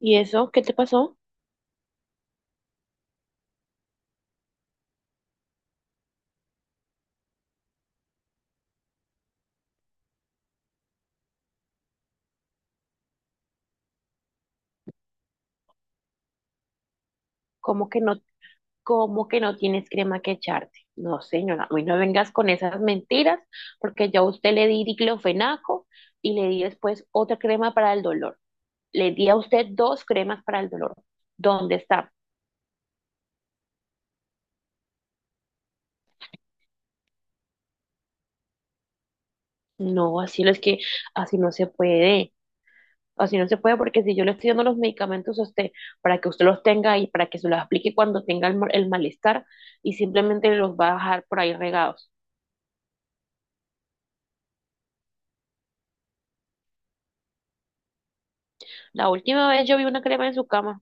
¿Y eso qué te pasó? ¿Cómo que no, cómo que no tienes crema que echarte? No, señora, hoy no vengas con esas mentiras, porque yo a usted le di diclofenaco y le di después otra crema para el dolor. Le di a usted dos cremas para el dolor. ¿Dónde está? No, así no es que así no se puede. Así no se puede porque si yo le estoy dando los medicamentos a usted para que usted los tenga y para que se los aplique cuando tenga el malestar y simplemente los va a dejar por ahí regados. La última vez yo vi una crema en su cama.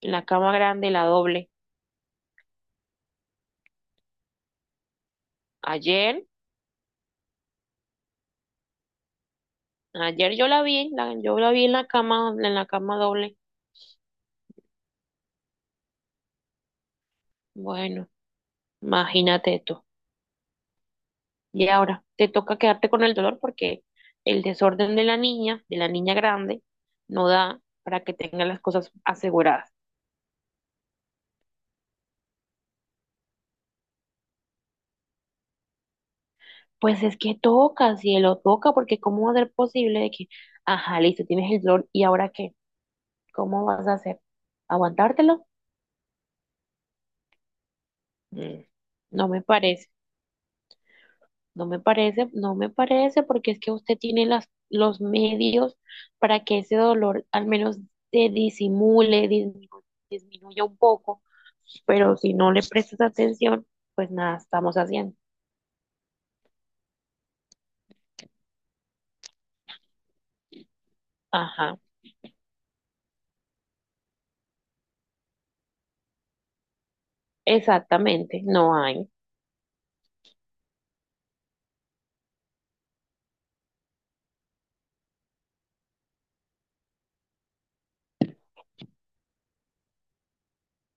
La cama grande, la doble. Ayer, ayer yo la vi, yo la vi en la cama doble. Bueno, imagínate tú. Y ahora te toca quedarte con el dolor porque el desorden de la niña grande, no da para que tenga las cosas aseguradas. Pues es que toca, cielo, toca, porque ¿cómo va a ser posible de que, ajá, listo, tienes el dolor y ahora qué? ¿Cómo vas a hacer? ¿Aguantártelo? Mm, no me parece. No me parece, no me parece, porque es que usted tiene los medios para que ese dolor al menos se disimule, disminuya un poco, pero si no le prestas atención, pues nada estamos haciendo. Ajá, exactamente, no hay.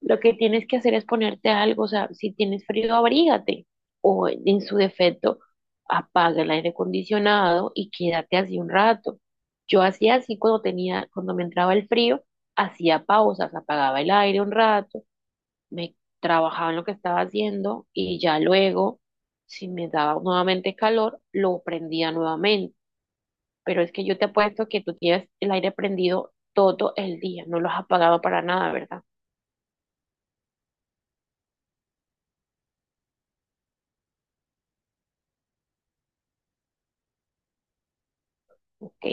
Lo que tienes que hacer es ponerte algo, o sea, si tienes frío, abrígate o en su defecto, apaga el aire acondicionado y quédate así un rato. Yo hacía así cuando tenía, cuando me entraba el frío, hacía pausas, apagaba el aire un rato, me trabajaba en lo que estaba haciendo y ya luego, si me daba nuevamente calor, lo prendía nuevamente. Pero es que yo te apuesto que tú tienes el aire prendido todo el día, no lo has apagado para nada, ¿verdad? Ok.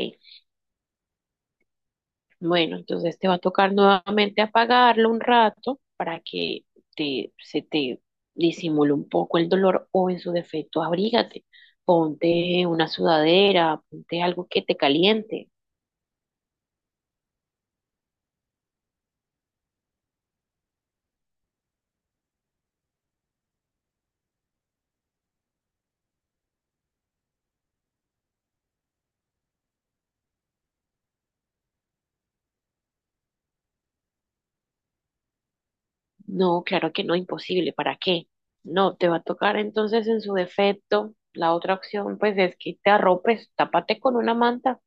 Bueno, entonces te va a tocar nuevamente apagarlo un rato para que se te disimule un poco el dolor o en su defecto abrígate, ponte una sudadera, ponte algo que te caliente. No, claro que no, imposible, ¿para qué? No, te va a tocar entonces en su defecto. La otra opción pues es que te arropes, tápate con una manta.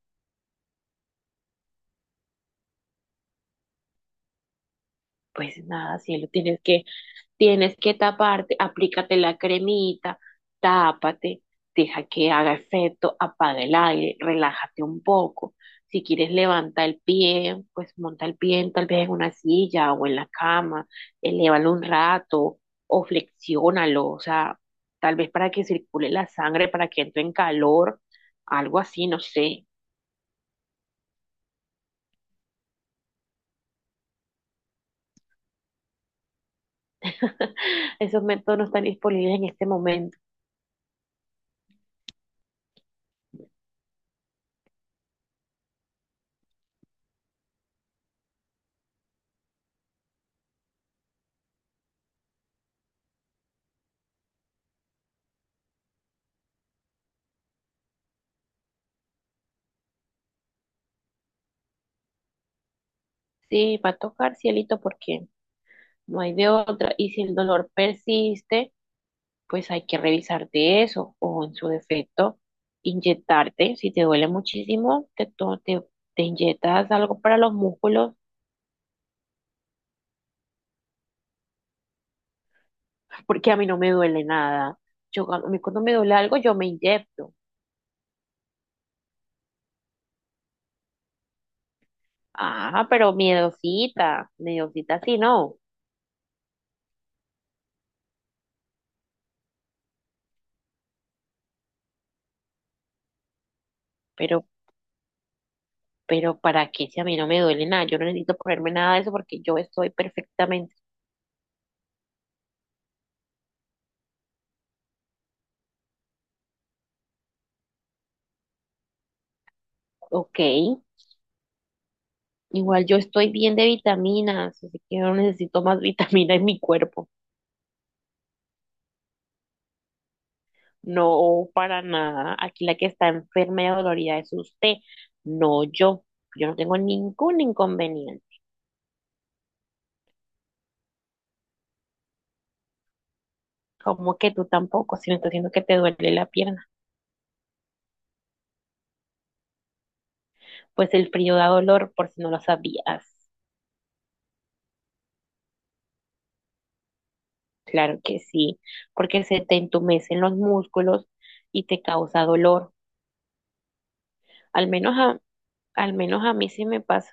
Pues nada, cielo, tienes que tienes que taparte, aplícate la cremita, tápate, deja que haga efecto, apaga el aire, relájate un poco. Si quieres levanta el pie, pues monta el pie tal vez en una silla o en la cama, elévalo un rato o flexiónalo, o sea, tal vez para que circule la sangre, para que entre en calor, algo así, no sé. Esos métodos no están disponibles en este momento. Sí, va a tocar, cielito, porque no hay de otra. Y si el dolor persiste, pues hay que revisarte eso o en su defecto, inyectarte. Si te duele muchísimo, te inyectas algo para los músculos, porque a mí no me duele nada. Yo, a mí cuando me duele algo, yo me inyecto. Ah, pero miedosita, miedosita sí, no. Pero, pero ¿para qué si a mí no me duele nada? Yo no necesito ponerme nada de eso porque yo estoy perfectamente ok. Igual yo estoy bien de vitaminas, así que yo no necesito más vitamina en mi cuerpo. No, para nada. Aquí la que está enferma y dolorida es usted, no yo. Yo no tengo ningún inconveniente. Como que tú tampoco, si me estás diciendo que te duele la pierna. Pues el frío da dolor, por si no lo sabías. Claro que sí, porque se te entumecen los músculos y te causa dolor. Al menos a, al menos a mí sí me pasa,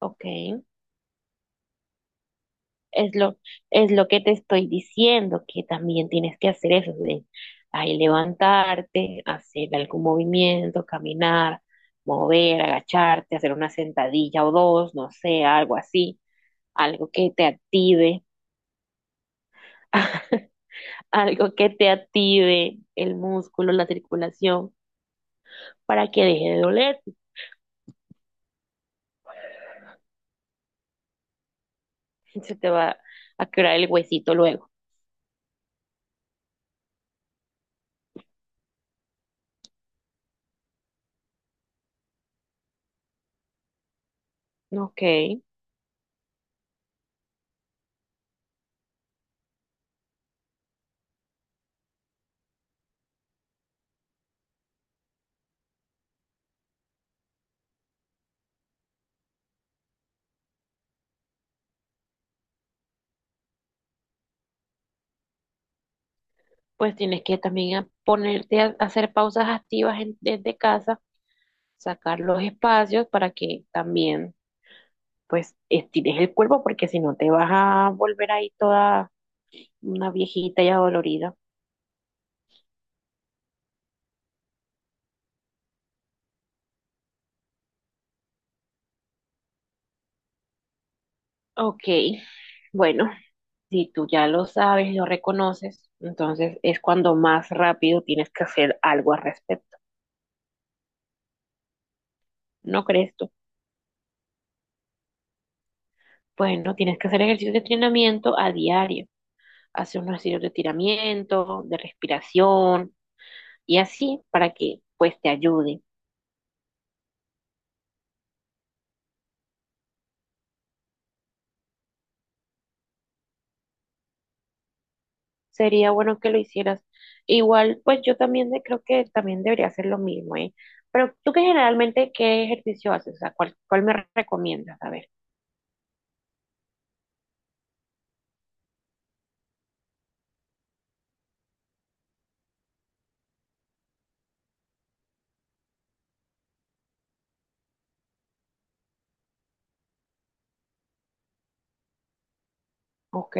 ¿ok? Es lo, es lo que te estoy diciendo, que también tienes que hacer eso de ahí levantarte, hacer algún movimiento, caminar, mover, agacharte, hacer una sentadilla o dos, no sé, algo así, algo que te active, algo que te active el músculo, la circulación, para que deje de doler. Se te va a quebrar el huesito luego. ¿No? Ok, pues tienes que también ponerte a hacer pausas activas desde casa, sacar los espacios para que también pues estires el cuerpo porque si no te vas a volver ahí toda una viejita y adolorida. Ok, bueno, si tú ya lo sabes, lo reconoces, entonces es cuando más rápido tienes que hacer algo al respecto. ¿No crees tú? Bueno, tienes que hacer ejercicios de entrenamiento a diario. Hace unos ejercicios de tiramiento, de respiración y así para que pues te ayude. Sería bueno que lo hicieras. E igual, pues yo también creo que también debería hacer lo mismo, ¿eh? Pero tú que generalmente, ¿qué ejercicio haces? O sea, ¿cuál, cuál me recomiendas? A ver. Ok,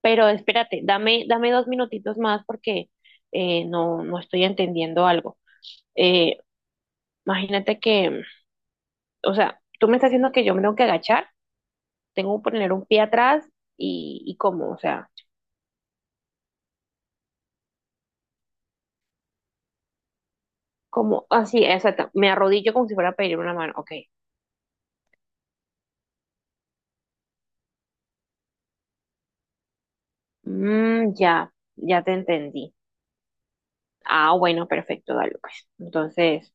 pero espérate, dame, dame dos minutitos más porque no, no estoy entendiendo algo. Eh, imagínate que, o sea, tú me estás diciendo que yo me tengo que agachar, tengo que poner un pie atrás y cómo, o sea. Como, así, exacto. Me arrodillo como si fuera a pedir una mano. Ok. Mm, ya, ya te entendí. Ah, bueno, perfecto, dale, pues. Entonces,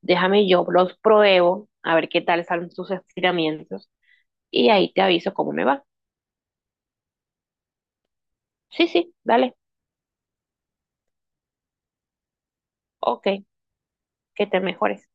déjame yo los pruebo, a ver qué tal salen sus estiramientos. Y ahí te aviso cómo me va. Sí, sí, dale. Ok, que te mejores.